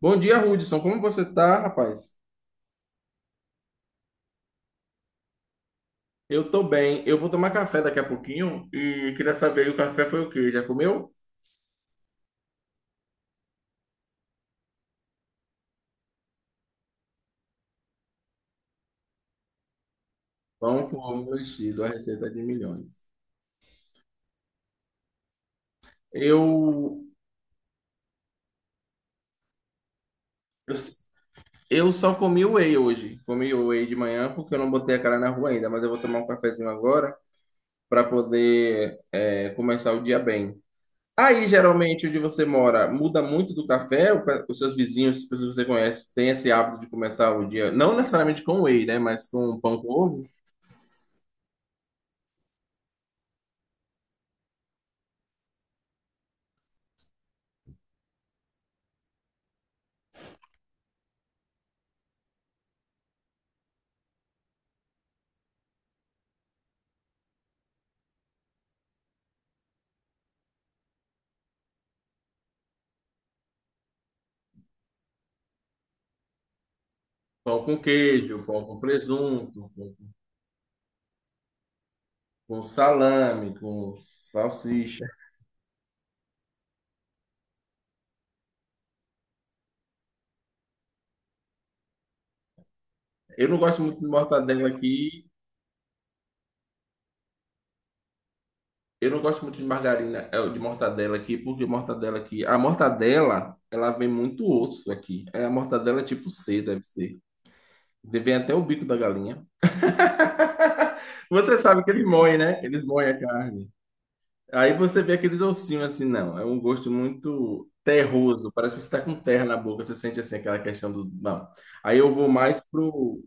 Bom dia, Hudson. Como você tá, rapaz? Eu tô bem. Eu vou tomar café daqui a pouquinho e queria saber, o café foi o quê? Já comeu? Pão com ovo mexido, a receita de milhões. Eu, eu, eu só comi whey hoje. Comi whey de manhã porque eu não botei a cara na rua ainda, mas eu vou tomar um cafezinho agora para poder começar o dia bem. Aí, geralmente, onde você mora, muda muito do café? Os seus vizinhos, as pessoas que você conhece, têm esse hábito de começar o dia, não necessariamente com whey, né? Mas com pão com ovo? Pão com queijo, pão com presunto, pão com salame, com salsicha. Eu não gosto muito de mortadela aqui. Eu não gosto muito de margarina, de mortadela aqui, porque mortadela aqui. A mortadela, ela vem muito osso aqui. É, a mortadela é tipo C, deve ser. Vem até o bico da galinha. Você sabe que eles moem, né? Eles moem a carne. Aí você vê aqueles ossinhos assim, não. É um gosto muito terroso. Parece que você está com terra na boca. Você sente assim aquela questão dos. Não. Aí eu vou mais pro.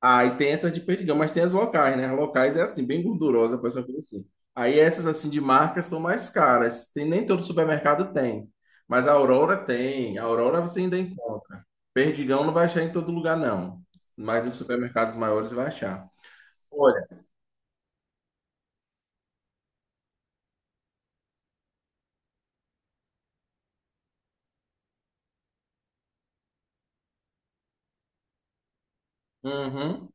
Ah, e tem essas de Perdigão, mas tem as locais, né? As locais é assim, bem gordurosa, parece uma coisa assim. Aí essas assim de marca são mais caras. Tem, nem todo supermercado tem. Mas a Aurora tem. A Aurora você ainda encontra. Perdigão não vai achar em todo lugar, não. Mas nos supermercados maiores vai achar. Olha. Uhum.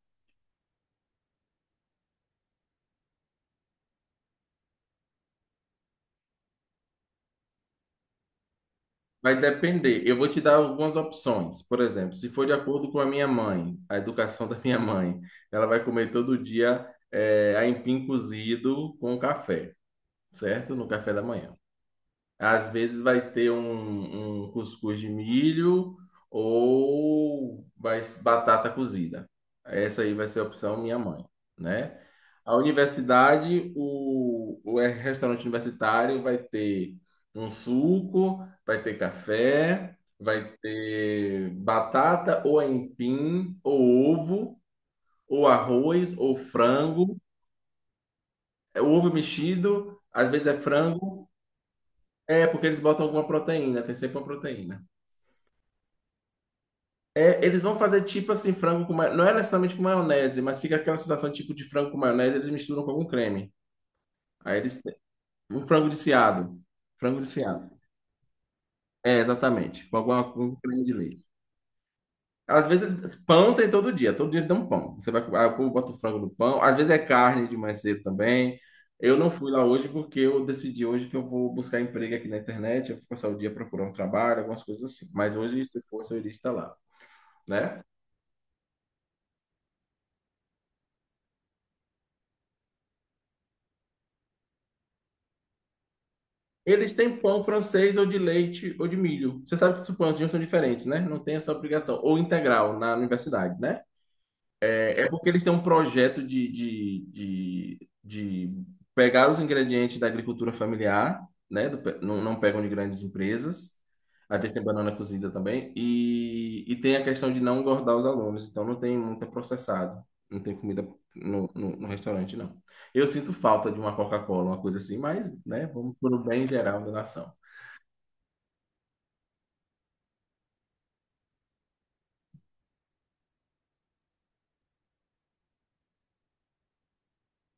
Vai depender. Eu vou te dar algumas opções. Por exemplo, se for de acordo com a minha mãe, a educação da minha mãe, ela vai comer todo dia aipim cozido com café, certo? No café da manhã. Às vezes vai ter um cuscuz de milho ou vai batata cozida. Essa aí vai ser a opção minha mãe, né? A universidade, o restaurante universitário vai ter um suco, vai ter café, vai ter batata ou aipim, ou ovo, ou arroz, ou frango, é ovo mexido, às vezes é frango, é porque eles botam alguma proteína, tem sempre uma proteína. É, eles vão fazer tipo assim, frango. Não é necessariamente com maionese, mas fica aquela sensação tipo de frango com maionese, eles misturam com algum creme. Aí eles têm um frango desfiado. Frango desfiado. É, exatamente. Com alguma com creme de leite. Às vezes, pão tem todo dia. Todo dia eles dão um pão. Você vai, aí o povo bota o frango no pão. Às vezes é carne de mais cedo também. Eu não fui lá hoje porque eu decidi hoje que eu vou buscar emprego aqui na internet. Eu vou passar o dia procurando trabalho, algumas coisas assim. Mas hoje, se fosse, eu iria estar lá, né? Eles têm pão francês ou de leite ou de milho. Você sabe que os pãezinhos são diferentes, né? Não tem essa obrigação. Ou integral na universidade, né? É, é porque eles têm um projeto de pegar os ingredientes da agricultura familiar, né? Do pe- não, não pegam de grandes empresas. Às vezes tem banana cozida também. E tem a questão de não engordar os alunos. Então não tem muito processado. Não tem comida no restaurante, não. Eu sinto falta de uma Coca-Cola, uma coisa assim, mas, né? Vamos pelo bem geral da nação.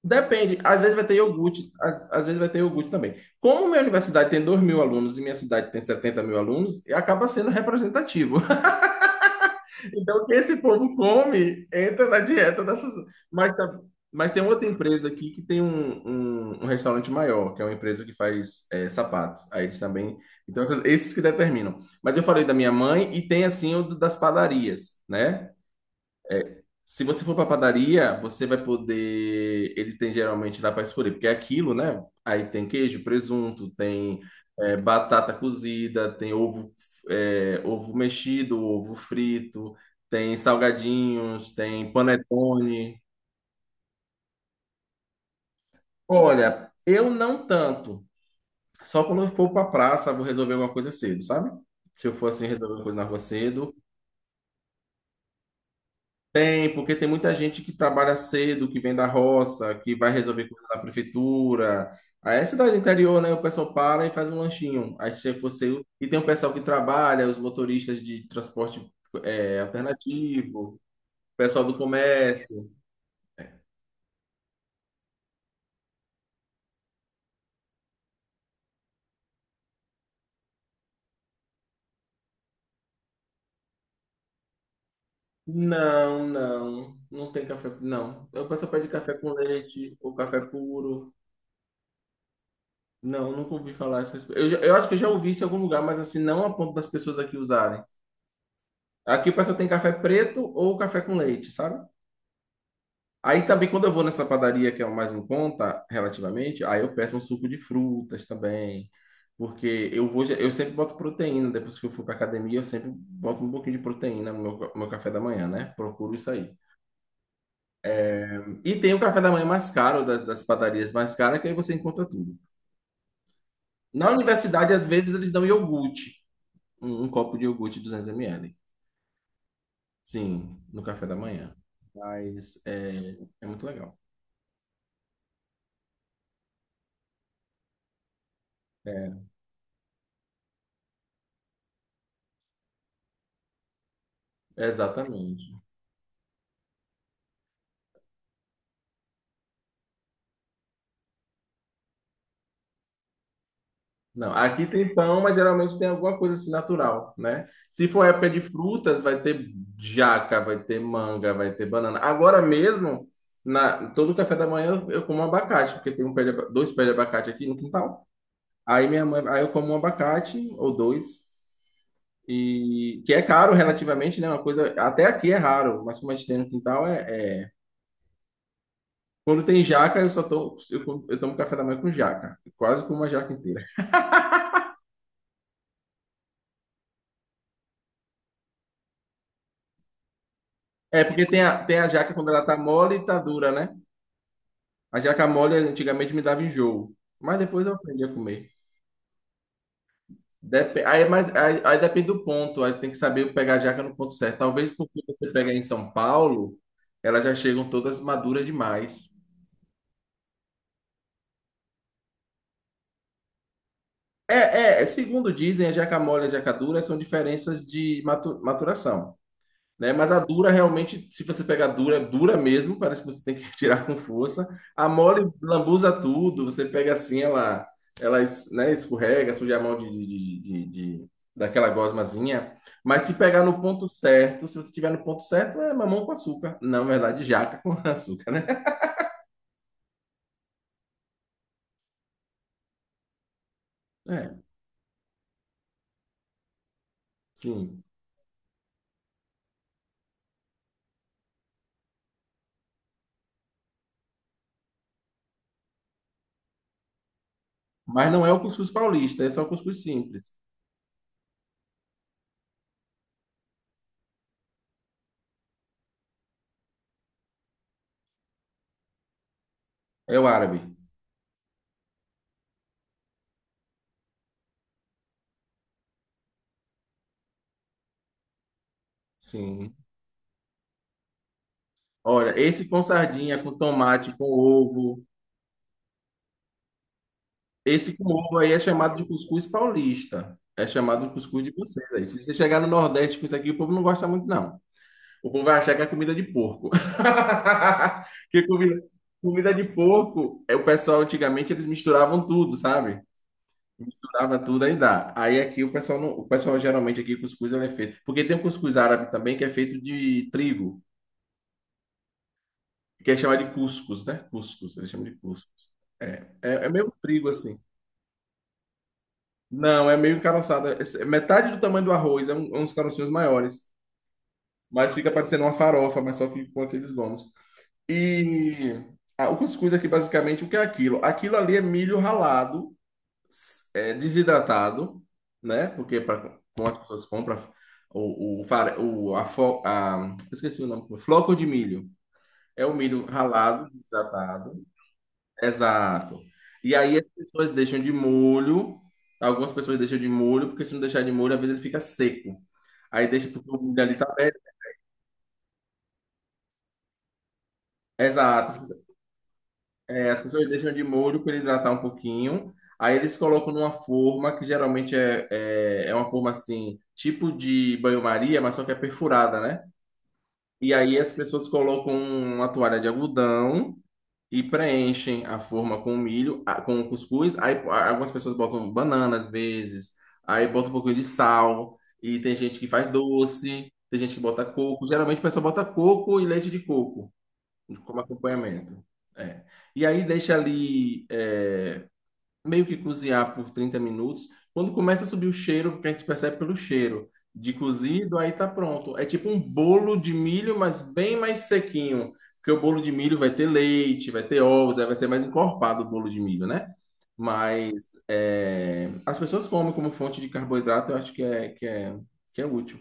Depende, às vezes vai ter iogurte, às vezes vai ter iogurte também. Como minha universidade tem 2.000 alunos e minha cidade tem 70.000 alunos, e acaba sendo representativo. Então, o que esse povo come entra na dieta dessas. Mas, tá- mas tem outra empresa aqui que tem um restaurante maior, que é uma empresa que faz sapatos. Aí eles também. Então, esses que determinam. Mas eu falei da minha mãe e tem assim das padarias, né? Se você for para padaria, você vai poder. Ele tem geralmente dá para escolher, porque é aquilo, né? Aí tem queijo, presunto, tem batata cozida, tem ovo, ovo mexido, ovo frito, tem salgadinhos, tem panetone. Olha, eu não tanto. Só quando eu for para praça, vou resolver alguma coisa cedo, sabe? Se eu for assim resolver uma coisa na rua cedo. Tem, porque tem muita gente que trabalha cedo, que vem da roça, que vai resolver coisa na prefeitura. Aí é cidade interior, né? O pessoal para e faz um lanchinho. Aí se você. E tem o pessoal que trabalha, os motoristas de transporte alternativo, o pessoal do comércio. Não, não. Não tem café. Não. O pessoal pede café com leite ou café puro. Não, nunca ouvi falar essas coisas. Eu acho que eu já ouvi isso em algum lugar, mas assim, não a ponto das pessoas aqui usarem. Aqui o pessoal tem café preto ou café com leite, sabe? Aí também quando eu vou nessa padaria que é o mais em conta, relativamente, aí eu peço um suco de frutas também, porque eu sempre boto proteína, depois que eu for para academia, eu sempre boto um pouquinho de proteína no meu café da manhã, né? Procuro isso aí. E tem o café da manhã mais caro, das padarias mais caras, que aí você encontra tudo. Na universidade, às vezes, eles dão iogurte, um copo de iogurte 200 ml, sim, no café da manhã. Mas é muito legal. É, exatamente. Não, aqui tem pão, mas geralmente tem alguma coisa assim natural, né? Se for época de frutas, vai ter jaca, vai ter manga, vai ter banana. Agora mesmo, na todo café da manhã eu como abacate, porque tem dois pés de abacate aqui no quintal. Aí minha mãe, aí eu como um abacate ou dois e que é caro relativamente, né? Uma coisa até aqui é raro, mas como a gente tem no quintal. Quando tem jaca, eu só tô, eu, como- eu tomo café da manhã com jaca, quase como uma jaca inteira. É porque tem a jaca quando ela tá mole e tá dura, né? A jaca mole antigamente me dava enjoo, mas depois eu aprendi a comer. Aí, depende do ponto, aí tem que saber pegar a jaca no ponto certo. Talvez porque você pega em São Paulo, elas já chegam todas maduras demais. É, é, segundo dizem, a jaca mole e a jaca dura são diferenças de maturação. Né? Mas a dura realmente, se você pegar dura, dura mesmo, parece que você tem que tirar com força. A mole lambuza tudo, você pega assim, escorrega, suja a mão daquela gosmazinha. Mas se pegar no ponto certo, se você tiver no ponto certo, é mamão com açúcar. Não, na verdade, jaca com açúcar, né? É, sim. Mas não é o cuscuz paulista, é só o cuscuz simples. É o árabe. Sim. Olha, esse com sardinha, com tomate, com ovo. Esse com ovo aí é chamado de cuscuz paulista. É chamado de cuscuz de vocês aí. Se você chegar no Nordeste com isso aqui, o povo não gosta muito, não. O povo vai achar que é comida de porco. Que comida, comida de porco, o pessoal antigamente eles misturavam tudo, sabe? Misturava tudo aí dá. Aí aqui o pessoal não, o pessoal geralmente aqui cuscuz ele é feito, porque tem um cuscuz árabe também que é feito de trigo, que é chamado de cuscuz, né? Cuscuz, eles chamam de cuscuz. É meio trigo assim. Não, é meio encaroçado. É metade do tamanho do arroz, é uns carocinhos maiores. Mas fica parecendo uma farofa, mas só que com aqueles gomos. E o cuscuz aqui, basicamente, o que é aquilo? Aquilo ali é milho ralado, desidratado, né? Porque pra, como as pessoas compram o, fare- o, a, fo- a- eu esqueci o nome, floco de milho. É o milho ralado, desidratado. Exato. E aí as pessoas deixam de molho, algumas pessoas deixam de molho, porque se não deixar de molho, às vezes ele fica seco. Aí deixa porque o molho ali tá perto. Exato. As pessoas deixam de molho para ele hidratar um pouquinho. Aí eles colocam numa forma que geralmente é uma forma assim, tipo de banho-maria, mas só que é perfurada, né? E aí as pessoas colocam uma toalha de algodão e preenchem a forma com o milho, com o cuscuz. Aí algumas pessoas botam banana às vezes, aí bota um pouquinho de sal, e tem gente que faz doce, tem gente que bota coco. Geralmente o pessoal bota coco e leite de coco como acompanhamento. É. E aí deixa ali. Meio que cozinhar por 30 minutos. Quando começa a subir o cheiro, porque a gente percebe pelo cheiro de cozido, aí tá pronto. É tipo um bolo de milho, mas bem mais sequinho. Porque o bolo de milho vai ter leite, vai ter ovos, aí vai ser mais encorpado o bolo de milho, né? Mas é, as pessoas comem como fonte de carboidrato, eu acho que é útil.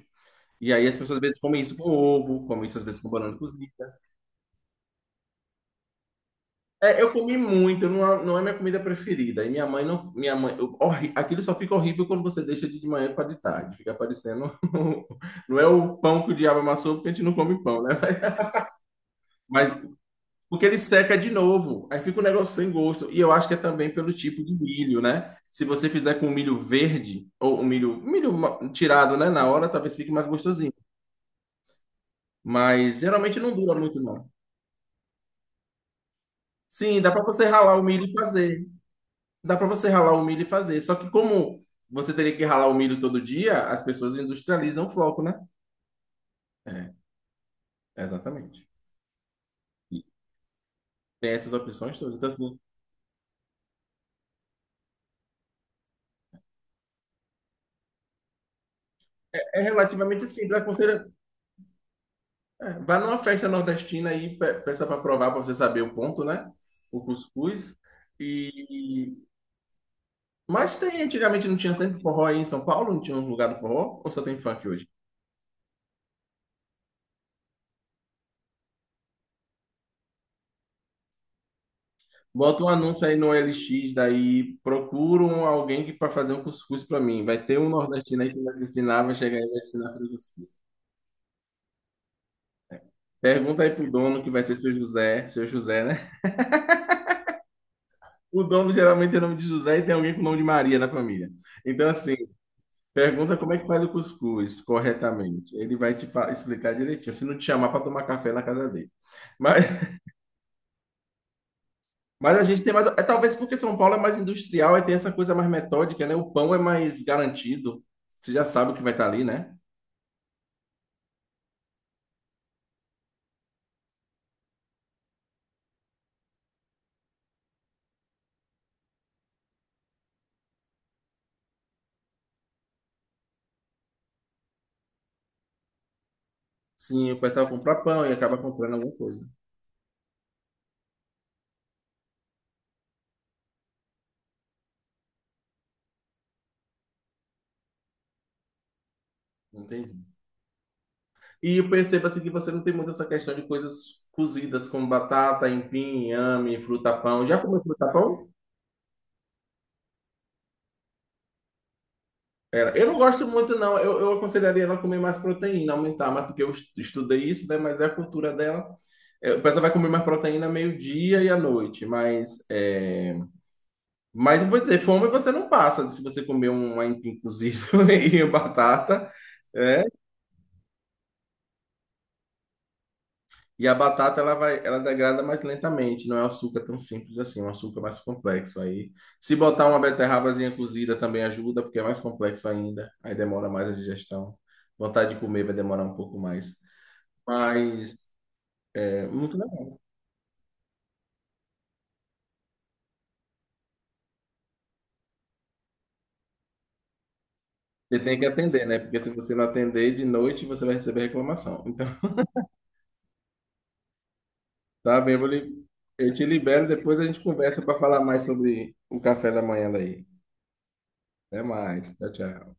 E aí as pessoas às vezes comem isso com ovo, comem isso às vezes com banana cozida. É, eu comi muito, não é minha comida preferida. E minha mãe não. Minha mãe, aquilo só fica horrível quando você deixa de manhã para de tarde. Fica parecendo. Não é o pão que o diabo amassou, porque a gente não come pão, né? Mas porque ele seca de novo. Aí fica um negócio sem gosto. E eu acho que é também pelo tipo de milho, né? Se você fizer com milho verde, ou um milho tirado, né? Na hora, talvez fique mais gostosinho. Mas geralmente não dura muito, não. Sim, dá para você ralar o milho e fazer. Dá para você ralar o milho e fazer. Só que como você teria que ralar o milho todo dia, as pessoas industrializam o floco, né? É, exatamente. E tem essas opções todas. Então, assim, é relativamente simples. Aconselho, é, vá numa festa nordestina e peça para provar, para você saber o ponto, né? O cuscuz. E... Mas tem, antigamente não tinha sempre forró aí em São Paulo? Não tinha um lugar do forró? Ou só tem funk hoje? Bota um anúncio aí no LX, daí procuram alguém para fazer um cuscuz para mim. Vai ter um nordestino aí que vai te ensinar, vai chegar aí e vai te ensinar a fazer cuscuz. Pergunta aí pro dono, que vai ser seu José, né? O dono geralmente tem nome de José e tem alguém com nome de Maria na família. Então, assim, pergunta como é que faz o cuscuz corretamente. Ele vai te explicar direitinho, se não te chamar para tomar café na casa dele. Mas, Mas a gente tem mais. É, talvez porque São Paulo é mais industrial e tem essa coisa mais metódica, né? O pão é mais garantido. Você já sabe o que vai estar ali, né? Sim, o pessoal compra pão e acaba comprando alguma coisa. Entendi. E eu percebo assim que você não tem muito essa questão de coisas cozidas como batata, empim, inhame, fruta-pão. Já comeu fruta-pão? Era. Eu não gosto muito, não. Eu aconselharia ela a comer mais proteína, aumentar mais, porque eu estudei isso, né? Mas é a cultura dela. É, o pessoal vai comer mais proteína meio-dia e à noite, mas é, mas eu vou dizer, fome você não passa se você comer um aipim cozido e batata, né? E a batata ela vai, ela degrada mais lentamente, não é um açúcar tão simples assim, é um açúcar mais complexo. Aí, se botar uma beterrabazinha cozida também ajuda, porque é mais complexo ainda, aí demora mais a digestão. Vontade de comer vai demorar um pouco mais. Mas é muito legal. Você tem que atender, né? Porque se você não atender de noite, você vai receber reclamação. Então, tá bem, eu te libero, depois a gente conversa para falar mais sobre o café da manhã daí. Até mais. Tchau, tchau.